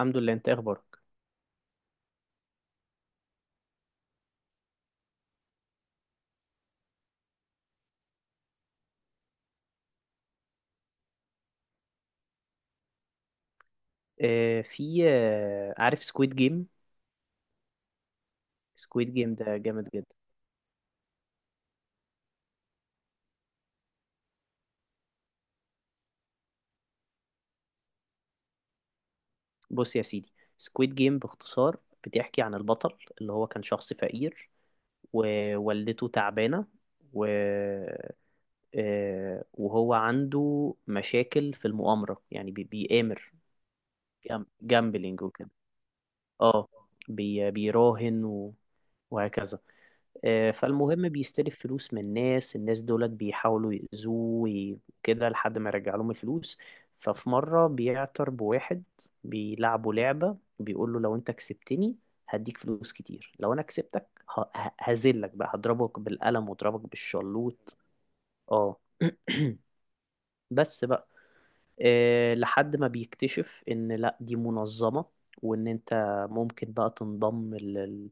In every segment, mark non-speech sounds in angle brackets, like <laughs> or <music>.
الحمد لله. انت ايه اخبارك؟ آه، في، عارف سكويد جيم؟ سكويد جيم ده جامد جدا. بص يا سيدي، سكويد جيم باختصار بتحكي عن البطل اللي هو كان شخص فقير، ووالدته تعبانة، و... وهو عنده مشاكل في المؤامرة، يعني بيآمر. جامبلينج وكده. اه. بيراهن و... وهكذا. فالمهم بيستلف فلوس من الناس، الناس دولت بيحاولوا يأذوه. وكده لحد ما يرجع لهم الفلوس. ففي مرة بيعتر بواحد، بيلعبوا لعبة، بيقول له: لو انت كسبتني هديك فلوس كتير، لو انا كسبتك هذلك بقى هضربك بالقلم واضربك بالشلوط. اه. <clears throat> بس بقى. لحد ما بيكتشف ان لا، دي منظمة، وان انت ممكن بقى تنضم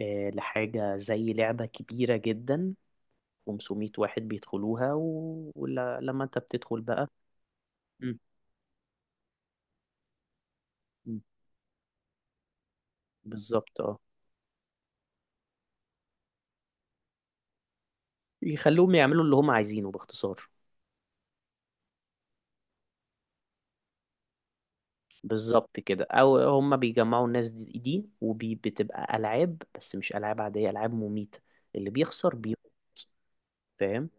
لحاجة زي لعبة كبيرة جدا، 500 واحد بيدخلوها، ولما انت بتدخل بقى. مم. مم. بالظبط، اه. يخلوهم يعملوا اللي هم عايزينه باختصار. بالظبط كده. او هم بيجمعوا الناس دي، وبتبقى العاب، بس مش العاب عاديه، العاب مميته. اللي بيخسر بيموت. فاهم.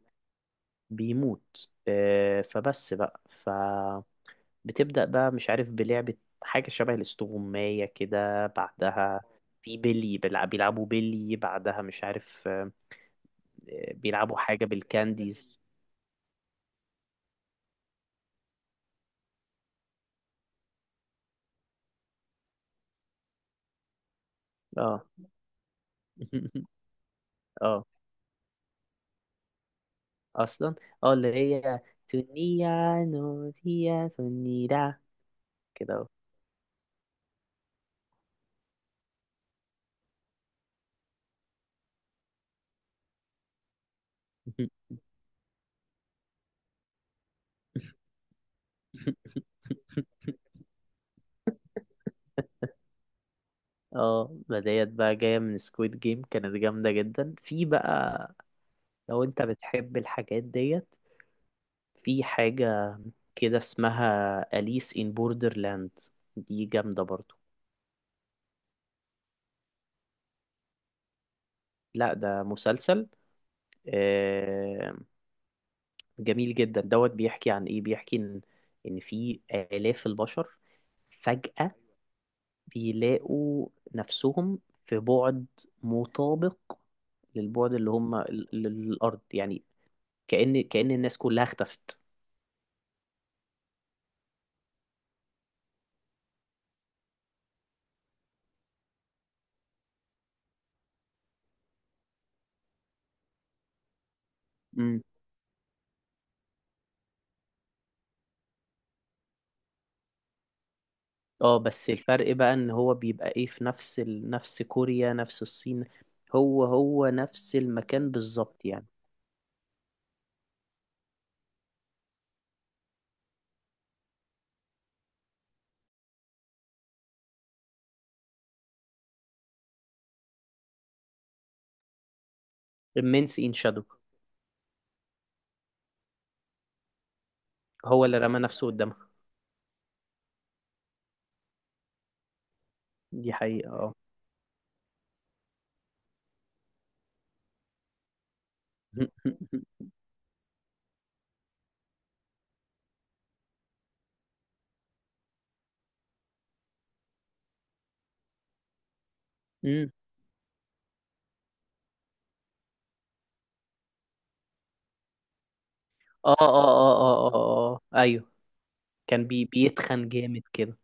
بيموت، فبس بقى فبتبدا بقى مش عارف بلعبه، حاجه شبه الاستغمايه كده بعدها. في بيلي، بيلعبوا بيلي بعدها. مش عارف. بيلعبوا حاجه بالكانديز. اه. <laughs> اه، اصلا. اه، اللي هي تونيا نوريا تونيرا كده اهو. <laughs> اه، ما ديت بقى جاية من سكويد جيم، كانت جامدة جدا في بقى. لو انت بتحب الحاجات ديت، في حاجة كده اسمها أليس إن بوردرلاند، دي جامدة برضو. لا، ده مسلسل. آه، جميل جدا. دوت بيحكي عن ايه؟ بيحكي ان في آلاف البشر فجأة بيلاقوا نفسهم في بعد مطابق للبعد اللي هم، للأرض يعني، كأن الناس كلها اختفت. امم. اه، بس الفرق بقى ان هو بيبقى ايه؟ في نفس نفس كوريا، نفس الصين، هو نفس المكان بالظبط يعني. Immense in Shadow. هو اللي رمى نفسه قدامها. دي حقيقة، اه. <laughs> أمم. اه، اه، اه، اه، اه، اه، ايوه. كان بيتخن جامد كده.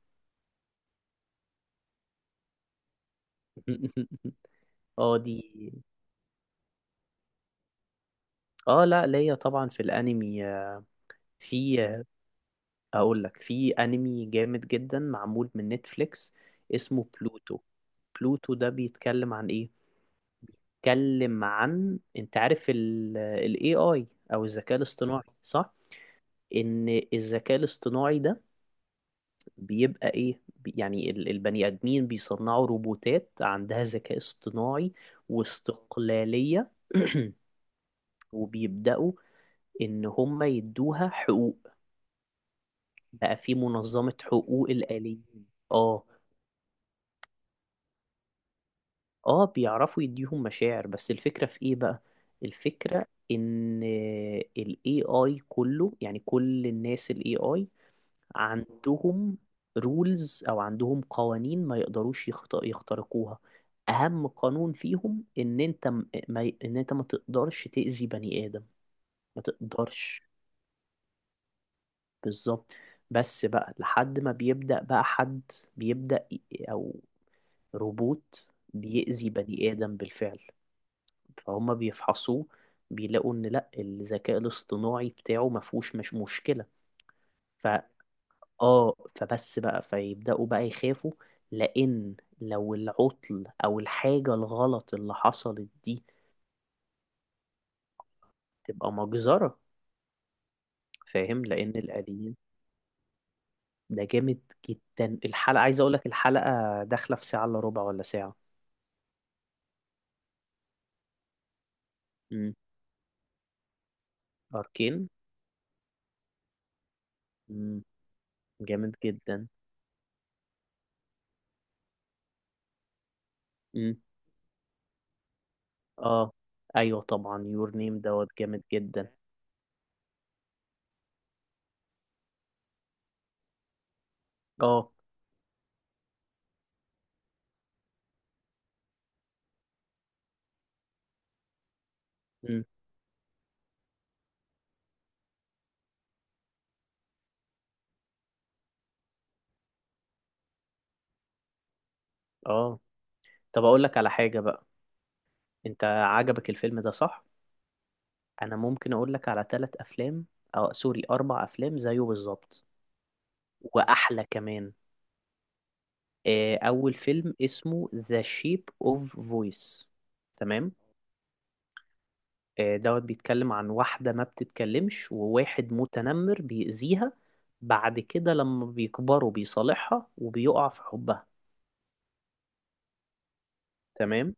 <laughs> اه، دي. اه، لا، ليا طبعا في الانمي. في. اقول لك في انمي جامد جدا معمول من نتفليكس. اسمه بلوتو. بلوتو ده بيتكلم عن ايه؟ بيتكلم عن، انت عارف ال AI، او الذكاء الاصطناعي صح؟ ان الذكاء الاصطناعي ده بيبقى ايه، يعني البني ادمين بيصنعوا روبوتات عندها ذكاء اصطناعي واستقلالية. <clears throat> وبيبدأوا ان هم يدوها حقوق، بقى في منظمة حقوق الآليين. اه، اه، بيعرفوا يديهم مشاعر، بس الفكرة في ايه بقى؟ الفكرة ان ال AI كله، يعني كل الناس ال AI عندهم رولز او عندهم قوانين، ما يقدروش يخترقوها. اهم قانون فيهم ان انت ما تقدرش تأذي بني آدم. ما تقدرش. بالظبط. بس بقى لحد ما بيبدأ بقى حد، بيبدأ او روبوت بيأذي بني آدم بالفعل. فهم بيفحصوه، بيلاقوا إن لأ، الذكاء الاصطناعي بتاعه مفهوش، مش مشكلة. فا فبس بقى فيبدأوا بقى يخافوا، لأن لو العطل أو الحاجة الغلط اللي حصلت دي تبقى مجزرة. فاهم. لأن الآليين ده جامد جدا. الحلقة، عايز أقولك، الحلقة داخلة في ساعة إلا ربع ولا ساعة. أمم. أركين. أمم. جامد جدا. امم. اه، ايوه، طبعا يور نيم دوت جامد جدا. اه. امم. اه، طب اقول لك على حاجه بقى. انت عجبك الفيلم ده، صح؟ انا ممكن اقول لك على ثلاث افلام، او سوري، اربع افلام زيه بالظبط، واحلى كمان. اول فيلم اسمه ذا شيب اوف فويس. تمام. دوت بيتكلم عن واحده ما بتتكلمش، وواحد متنمر بيأذيها. بعد كده لما بيكبروا بيصالحها وبيقع في حبها. تمام.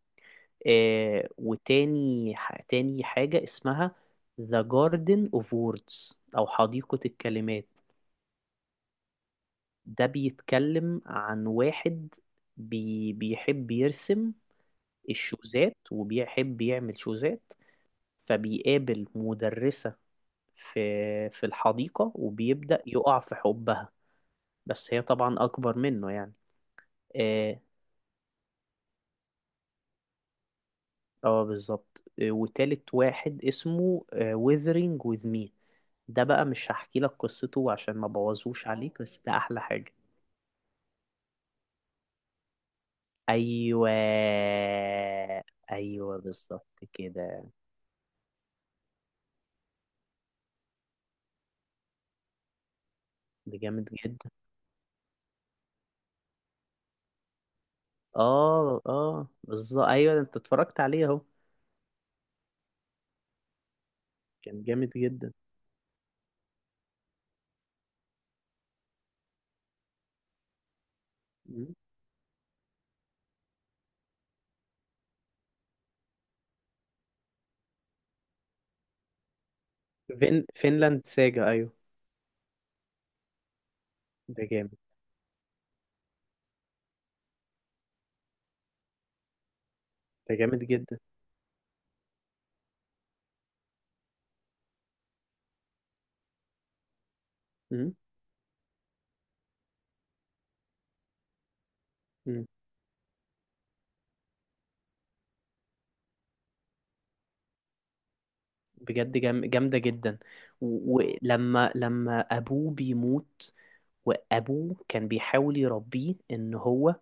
وتاني ح- تاني حاجة اسمها The Garden of Words، أو حديقة الكلمات. ده بيتكلم عن واحد بيحب يرسم الشوزات، وبيحب يعمل شوزات. فبيقابل مدرسة في في الحديقة، وبيبدأ يقع في حبها. بس هي طبعا أكبر منه يعني. اه. بالظبط. وتالت واحد اسمه Withering with Me. ده بقى مش هحكي لك قصته عشان ما بوظوش عليك، بس ده احلى حاجة. ايوه، ايوه، بالظبط كده. ده جامد جدا. اه، اه، بالظبط. ايوه انت اتفرجت عليه اهو. كان جامد جدا. مم. فينلاند ساجا. ايوه. ده جامد. ده جامد جدا. مم. مم. بجد جامدة جدا. ولما ابوه بيموت، وابوه كان بيحاول يربيه، ان هو،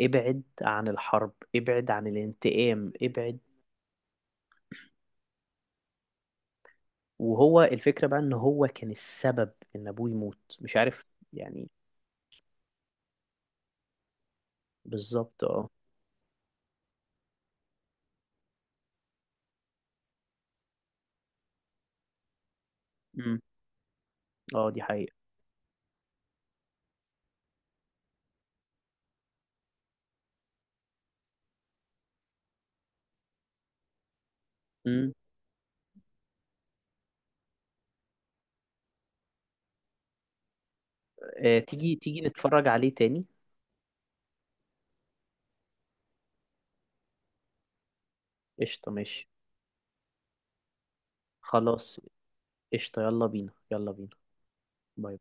ابعد عن الحرب، ابعد عن الانتقام، ابعد. وهو الفكرة بقى، ان هو كان السبب ان ابوه يموت، مش عارف يعني. بالظبط، اه. امم. اه، دي حقيقة. امم. تيجي تيجي نتفرج عليه تاني. قشطة، ماشي. خلاص. قشطة، يلا بينا، يلا بينا. باي.